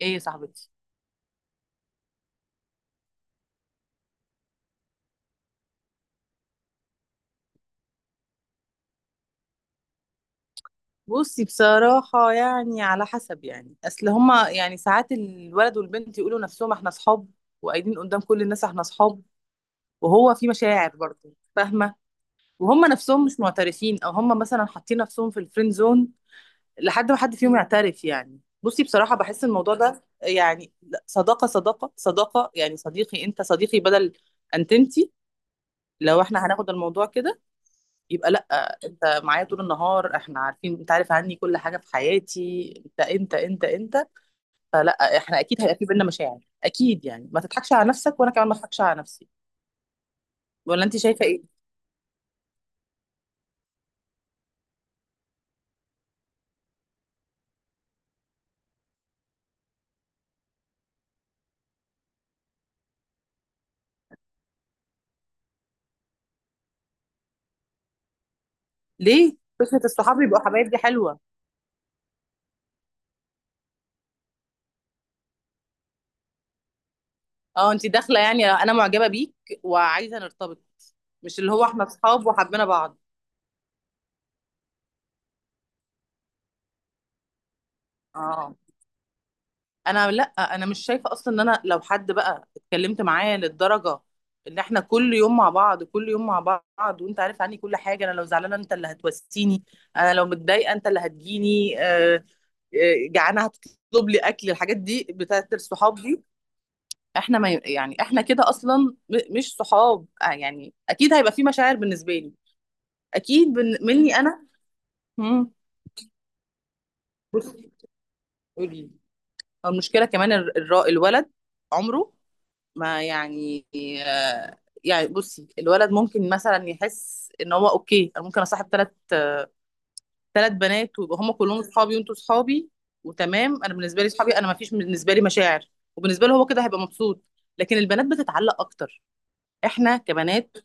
ايه يا صاحبتي؟ بصي، بصراحة يعني على حسب، يعني أصل هما يعني ساعات الولد والبنت يقولوا نفسهم احنا صحاب، وقايلين قدام كل الناس احنا صحاب، وهو في مشاعر برضه، فاهمة؟ وهما نفسهم مش معترفين، أو هما مثلا حاطين نفسهم في الفريند زون لحد ما حد فيهم يعترف. يعني بصي بصراحة بحس الموضوع ده يعني لا، صداقة صداقة صداقة، يعني صديقي، أنت صديقي، بدل أنت أنتي. لو احنا هناخد الموضوع كده يبقى لا، انت معايا طول النهار، احنا عارفين، انت عارف عني كل حاجه في حياتي، انت انت انت انت. فلا، احنا اكيد هيبقى في بينا مشاعر، اكيد، يعني ما تضحكش على نفسك وانا كمان ما اضحكش على نفسي. ولا انت شايفه ايه؟ ليه فكره الصحاب يبقوا حبايب دي حلوه؟ اه، انت داخله يعني انا معجبه بيك وعايزه نرتبط، مش اللي هو احنا اصحاب وحبينا بعض. اه، انا، لا، انا مش شايفه اصلا ان انا لو حد بقى اتكلمت معاه للدرجه ان احنا كل يوم مع بعض كل يوم مع بعض، وانت عارف عني كل حاجه، انا لو زعلانه انت اللي هتوسيني، انا لو متضايقه انت اللي هتجيني، جعانه هتطلب لي اكل، الحاجات دي بتاعت الصحاب دي. احنا ما ي- يعني احنا كده اصلا مش صحاب، يعني اكيد هيبقى في مشاعر بالنسبه لي، اكيد مني انا. مم. بصي، قولي. المشكله كمان الولد عمره ما يعني، آه، يعني بصي، الولد ممكن مثلا يحس ان هو اوكي، انا ممكن اصاحب ثلاث بنات، ويبقى هم كلهم صحابي وانتوا صحابي وتمام، انا بالنسبه لي صحابي، انا ما فيش بالنسبه لي مشاعر، وبالنسبه له هو كده هيبقى مبسوط. لكن البنات بتتعلق اكتر، احنا كبنات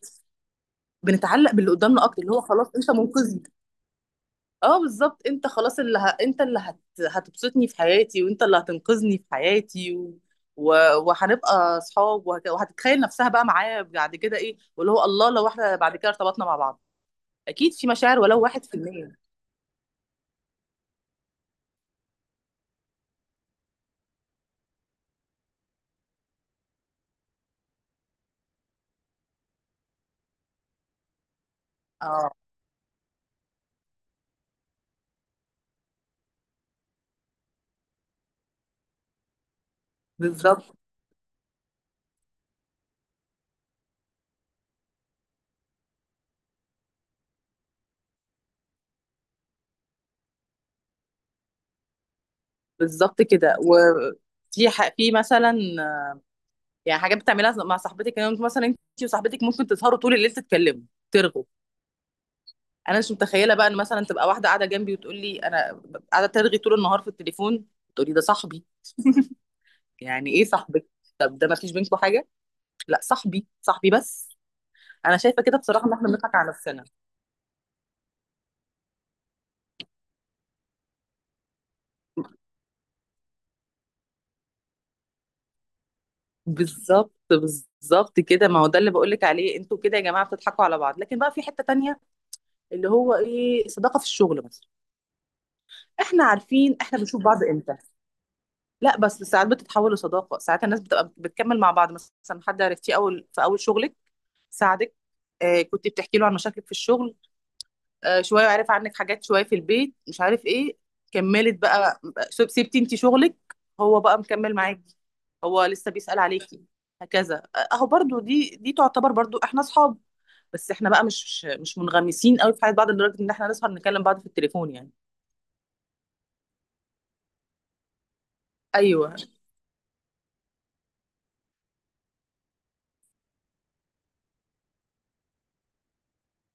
بنتعلق باللي قدامنا اكتر، اللي هو خلاص انت منقذني. اه بالظبط، انت خلاص انت اللي هتبسطني في حياتي، وانت اللي هتنقذني في حياتي، و... وهنبقى اصحاب، وهتتخيل نفسها بقى معايا بعد كده ايه، واللي هو الله لو احنا بعد كده ارتبطنا مع بعض، اكيد في مشاعر، ولو واحد في المية. اه بالظبط، بالظبط كده. في مثلا، يعني حاجات بتعملها مع صاحبتك، يعني مثلا انت وصاحبتك ممكن تسهروا طول الليل، تتكلموا، ترغوا. انا مش متخيله بقى ان مثلا تبقى واحده قاعده جنبي وتقول لي انا قاعده ترغي طول النهار في التليفون، تقولي ده صاحبي. يعني ايه صاحبك؟ طب ده ما فيش بينكم حاجه؟ لا، صاحبي صاحبي بس. انا شايفه كده بصراحه ان احنا بنضحك على نفسنا. بالظبط بالظبط كده، ما هو ده اللي بقول لك عليه، انتوا كده يا جماعه بتضحكوا على بعض، لكن بقى في حته تانية اللي هو ايه، صداقه في الشغل مثلا، احنا عارفين احنا بنشوف بعض امتى. لا، بس ساعات بتتحول لصداقه، ساعات الناس بتبقى بتكمل مع بعض، مثلا حد عرفتيه اول في اول شغلك، ساعدك، كنت بتحكي له عن مشاكلك في الشغل، شويه عارف عنك حاجات، شويه في البيت، مش عارف ايه، كملت بقى، سبتي انت شغلك، هو بقى مكمل معاكي، هو لسه بيسأل عليكي. هكذا، اهو برضو، دي تعتبر برضو احنا اصحاب، بس احنا بقى مش منغمسين قوي في حياه بعض لدرجه ان احنا نسهر نكلم بعض في التليفون يعني. ايوه،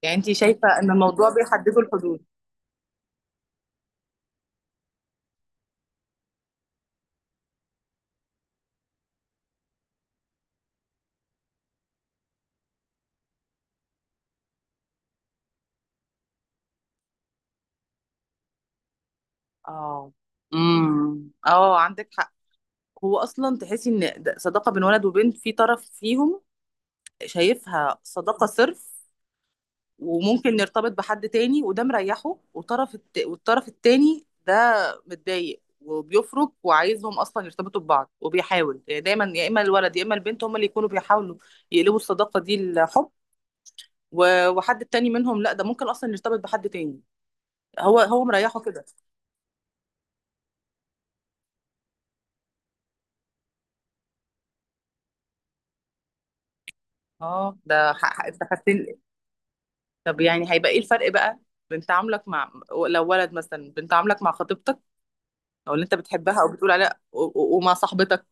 يعني انت شايفه ان الموضوع بيحددوا الحدود؟ اه، اه، عندك حق. هو اصلا تحسي ان ده صداقه بين ولد وبنت في طرف فيهم شايفها صداقه صرف، وممكن نرتبط بحد تاني وده مريحه، والطرف التاني ده متضايق وبيفرق، وعايزهم اصلا يرتبطوا ببعض، وبيحاول، يعني دايما يا اما الولد يا اما البنت هما اللي يكونوا بيحاولوا يقلبوا الصداقه دي لحب، وحد التاني منهم لا، ده ممكن اصلا يرتبط بحد تاني، هو هو مريحه كده. اه، ده انت خدتني. طب يعني هيبقى ايه الفرق بقى، بين تعاملك مع، لو ولد مثلا، بين تعاملك مع خطيبتك او اللي انت بتحبها او بتقول عليها، ومع صاحبتك.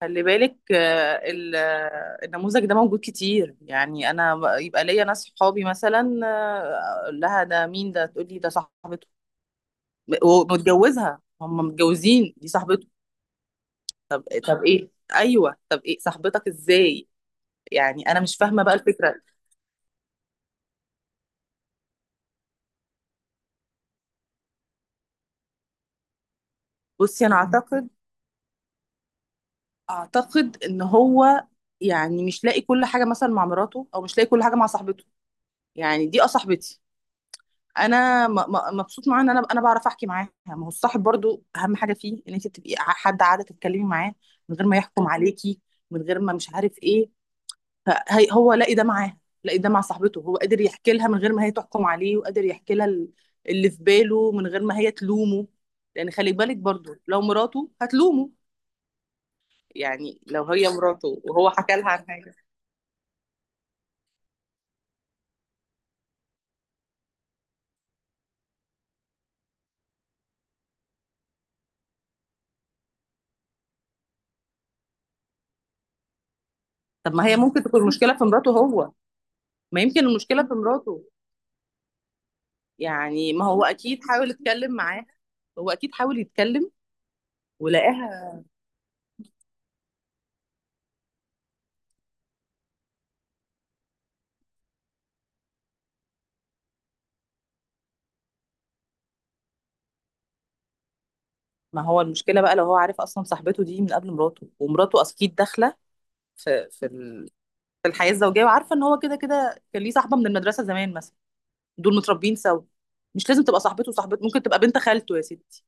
خلي بالك، النموذج ده موجود كتير، يعني انا يبقى ليا ناس صحابي مثلا، اقول لها ده مين، ده تقول لي ده صاحبته، ومتجوزها، هم متجوزين، دي صاحبته. طب، ايه، ايوه، طب ايه صاحبتك ازاي، يعني انا مش فاهمه بقى الفكره. بصي، انا اعتقد ان هو يعني مش لاقي كل حاجه مثلا مع مراته، او مش لاقي كل حاجه مع صاحبته، يعني دي، اه، صاحبتي، انا مبسوط معاها، ان انا بعرف احكي معاها. ما هو الصاحب برضو اهم حاجه فيه ان انت تبقي حد قاعده تتكلمي معاه من غير ما يحكم عليكي، من غير ما مش عارف ايه. هو لاقي ده معاها، لاقي ده مع صاحبته، هو قادر يحكي لها من غير ما هي تحكم عليه، وقادر يحكي لها اللي في باله من غير ما هي تلومه. لان خلي بالك برضو لو مراته هتلومه، يعني لو هي مراته وهو حكى لها عن حاجه. طب ما هي ممكن تكون المشكله في مراته، هو ما يمكن المشكله في مراته، يعني ما هو اكيد حاول يتكلم معاه، هو اكيد حاول يتكلم ولقاها. ما هو المشكله بقى لو هو عارف اصلا صاحبته دي من قبل مراته، ومراته اكيد داخله في في ال- في الحياه الزوجيه، وعارفه ان هو كده كده كان ليه صاحبه من المدرسه زمان مثلا، دول متربيين سوا. مش لازم تبقى صاحبته، وصاحبته ممكن تبقى بنت خالته يا ستي،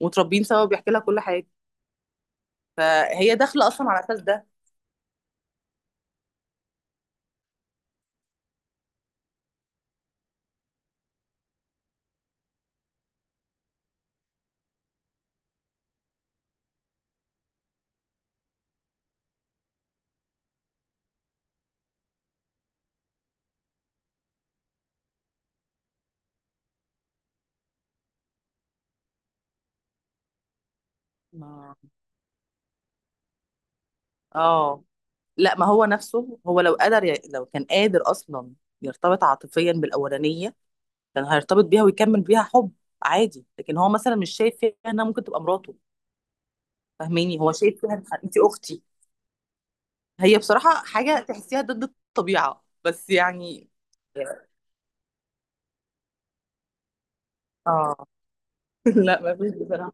ومتربيين سوا وبيحكي لها كل حاجه، فهي داخله اصلا على اساس ده. ما- اه، لا، ما هو نفسه، هو لو قدر لو كان قادر اصلا يرتبط عاطفيا بالاولانيه كان هيرتبط بيها ويكمل بيها حب عادي، لكن هو مثلا مش شايف فيها انها ممكن تبقى مراته. فاهماني، هو شايف فيها انت اختي، هي بصراحة حاجة تحسيها ضد الطبيعة بس يعني. اه. لا، ما فيش بصراحة.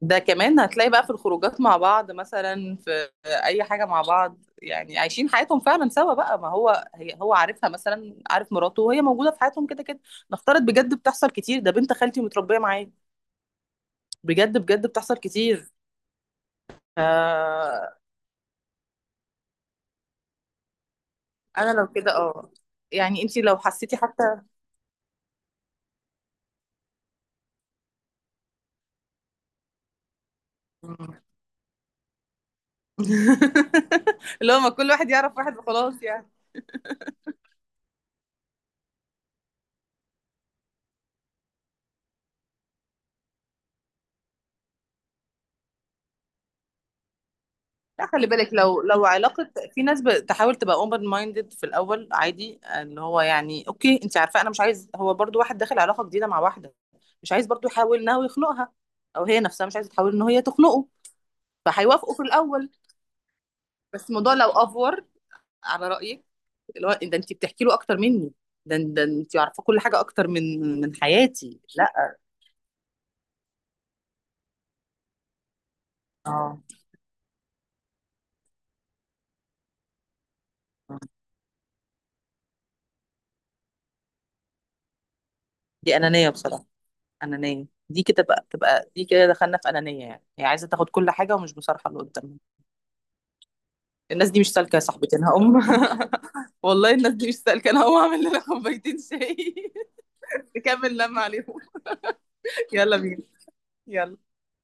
ده كمان هتلاقي بقى في الخروجات مع بعض مثلا، في اي حاجة مع بعض، يعني عايشين حياتهم فعلا سوا بقى، ما هو هو عارفها، مثلا عارف مراته وهي موجودة في حياتهم كده كده. نفترض، بجد بتحصل كتير، ده بنت خالتي متربية معايا، بجد بجد بتحصل كتير. آه، انا لو كده، اه، يعني انتي لو حسيتي حتى. مم. اللي هو ما كل واحد يعرف واحد وخلاص يعني. لا، خلي بالك لو علاقة، في ناس بتحاول تبقى اوبن مايندد في الاول عادي، اللي هو يعني اوكي، انت عارفة انا مش عايز، هو برضو واحد داخل علاقة جديدة مع واحدة، مش عايز برضو يحاول انه يخنقها، او هي نفسها مش عايزة تحاول ان هي تخنقه، فهيوافقوا في الاول، بس الموضوع لو افور على رأيك، اللي هو ده انت بتحكي له اكتر مني، ده انت عارفة كل حاجة اكتر من حياتي، لا، اه. دي انانيه بصراحه، انانيه دي كده بقى، تبقى دي كده دخلنا في انانيه، يعني هي عايزه تاخد كل حاجه ومش مصالحه اللي قدامها. الناس دي مش سالكه يا صاحبتي، انا هقوم. والله الناس دي مش سالكه، انا هقوم اعمل لنا كوبايتين شاي. نكمل لما عليهم. يلا بينا. يلا.